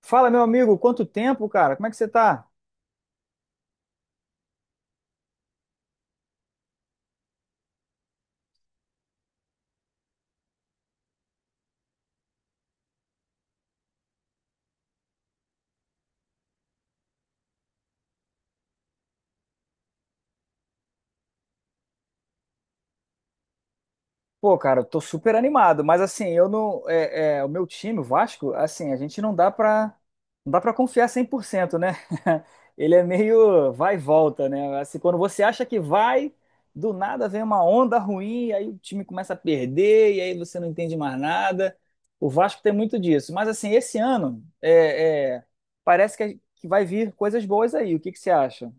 Fala, meu amigo, quanto tempo, cara? Como é que você tá? Pô, cara, eu tô super animado, mas assim, eu não. É, é, o meu time, o Vasco, assim, a gente não dá pra, não dá pra confiar 100%, né? Ele é meio vai e volta, né? Assim, quando você acha que vai, do nada vem uma onda ruim, aí o time começa a perder, e aí você não entende mais nada. O Vasco tem muito disso. Mas assim, esse ano, parece que vai vir coisas boas aí. O que que você acha?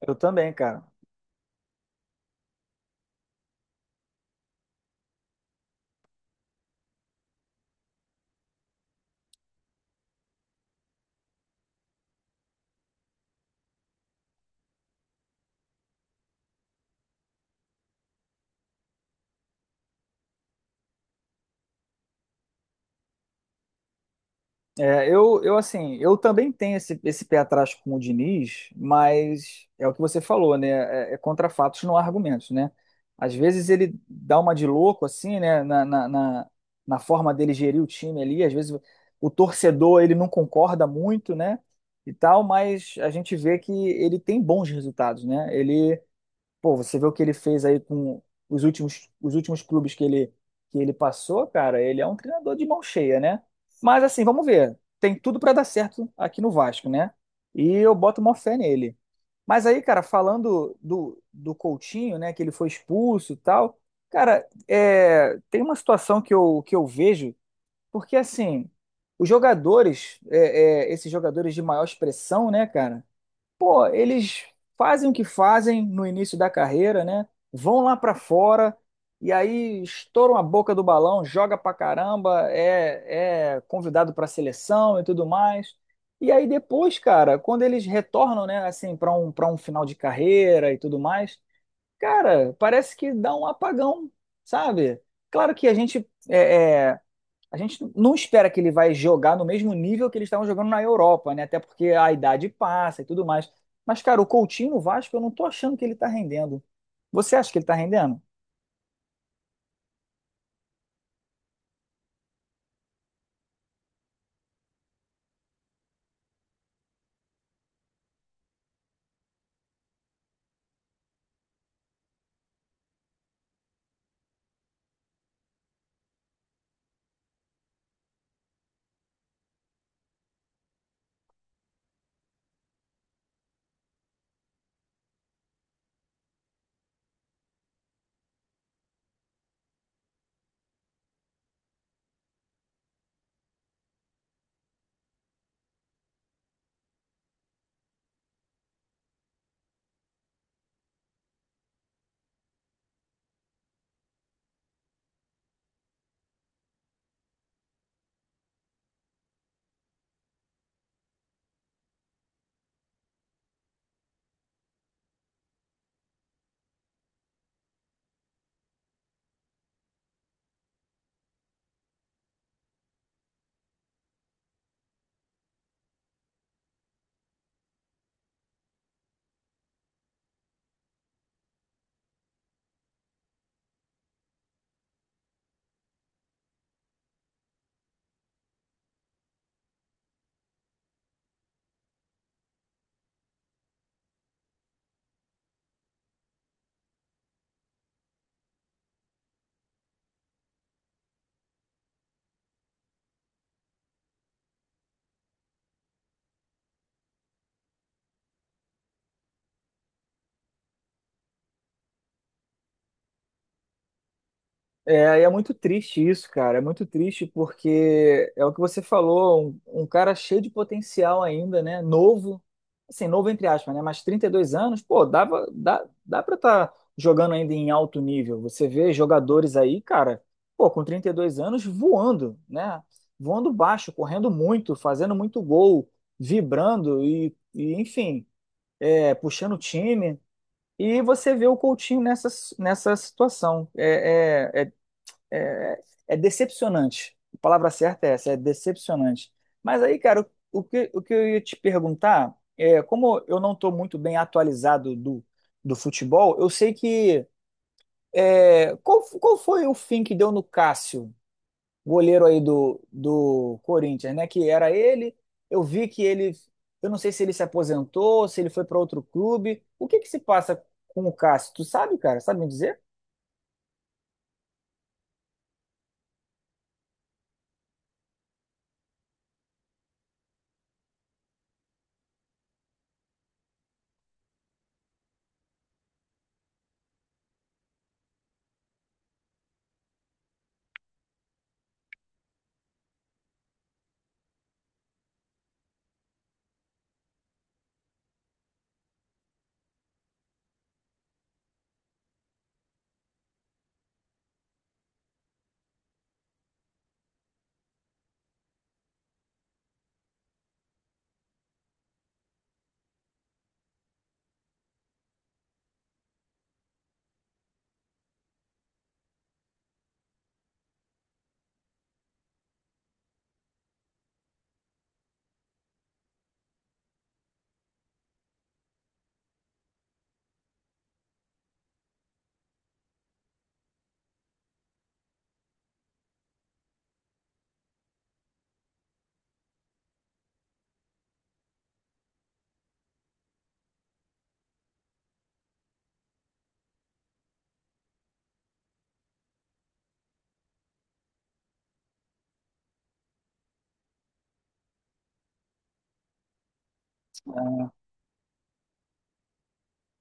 Eu também, cara. Eu assim, eu também tenho esse pé atrás com o Diniz, mas é o que você falou, né? É, é contra fatos, não há argumentos, né? Às vezes ele dá uma de louco, assim, né? Na forma dele gerir o time ali, às vezes o torcedor ele não concorda muito, né? E tal, mas a gente vê que ele tem bons resultados, né? Ele pô, você vê o que ele fez aí com os últimos clubes que ele passou, cara, ele é um treinador de mão cheia, né? Mas assim, vamos ver. Tem tudo pra dar certo aqui no Vasco, né? E eu boto uma fé nele. Mas aí, cara, falando do Coutinho, né, que ele foi expulso e tal, cara, é, tem uma situação que eu vejo, porque assim, os jogadores, esses jogadores de maior expressão, né, cara? Pô, eles fazem o que fazem no início da carreira, né? Vão lá pra fora e aí estouram a boca do balão, joga pra caramba, é convidado pra seleção e tudo mais. E aí depois, cara, quando eles retornam, né, assim, pra um, para um final de carreira e tudo mais, cara, parece que dá um apagão, sabe? Claro que a gente não espera que ele vai jogar no mesmo nível que eles estavam jogando na Europa, né? Até porque a idade passa e tudo mais. Mas, cara, o Coutinho no Vasco, eu não tô achando que ele tá rendendo. Você acha que ele tá rendendo? É, e é muito triste isso, cara. É muito triste porque é o que você falou, um cara cheio de potencial ainda, né? Novo, assim, novo entre aspas, né? Mas 32 anos, pô, dá pra estar jogando ainda em alto nível. Você vê jogadores aí, cara, pô, com 32 anos voando, né? Voando baixo, correndo muito, fazendo muito gol, vibrando e enfim, é, puxando o time. E você vê o Coutinho nessa, nessa situação. É, é decepcionante. A palavra certa é essa, é decepcionante. Mas aí, cara, o que eu ia te perguntar é, como eu não estou muito bem atualizado do, do futebol, eu sei que é, qual, qual foi o fim que deu no Cássio, goleiro aí do Corinthians, né? Que era ele. Eu vi que ele, eu não sei se ele se aposentou, se ele foi para outro clube. O que que se passa com o Cássio? Tu sabe, cara? Sabe me dizer?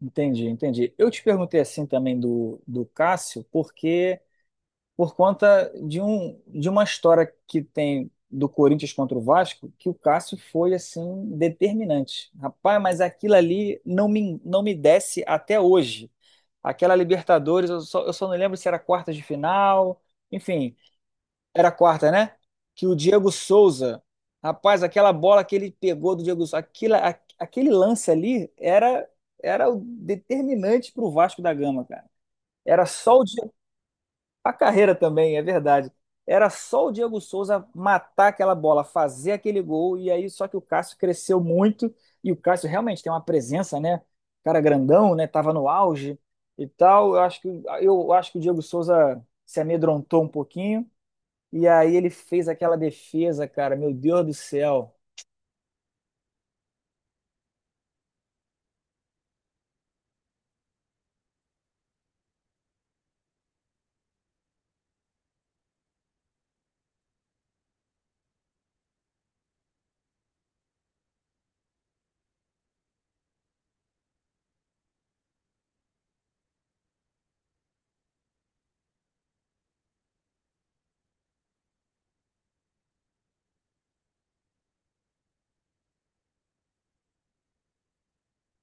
Entendi, entendi. Eu te perguntei assim também do Cássio, porque por conta de um de uma história que tem do Corinthians contra o Vasco, que o Cássio foi assim determinante. Rapaz, mas aquilo ali não me desce até hoje. Aquela Libertadores, eu só não lembro se era quartas de final, enfim, era a quarta, né? Que o Diego Souza, rapaz, aquela bola que ele pegou do Diego Souza, aquilo, aquele lance ali era o determinante para o Vasco da Gama, cara. Era só o Diego, a carreira também, é verdade. Era só o Diego Souza matar aquela bola, fazer aquele gol, e aí só que o Cássio cresceu muito, e o Cássio realmente tem uma presença, né? Cara grandão, né? Tava no auge e tal. Eu acho que o Diego Souza se amedrontou um pouquinho. E aí ele fez aquela defesa, cara, meu Deus do céu.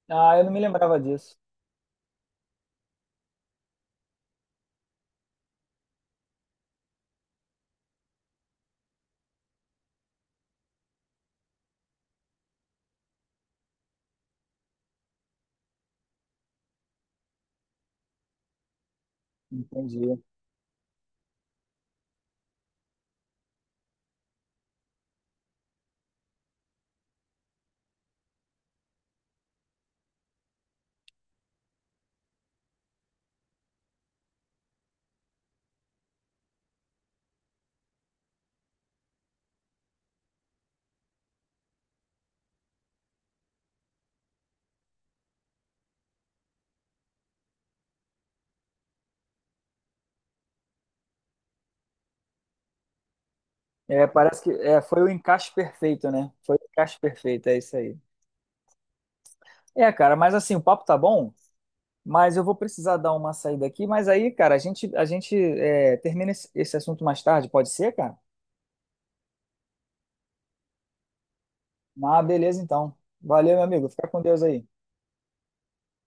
Ah, eu não me lembrava disso. Entendi. É, parece que é, foi o encaixe perfeito, né? Foi o encaixe perfeito, é isso aí. É, cara, mas assim, o papo tá bom, mas eu vou precisar dar uma saída aqui. Mas aí, cara, a gente é, termina esse esse assunto mais tarde, pode ser, cara? Ah, beleza, então. Valeu, meu amigo. Fica com Deus aí.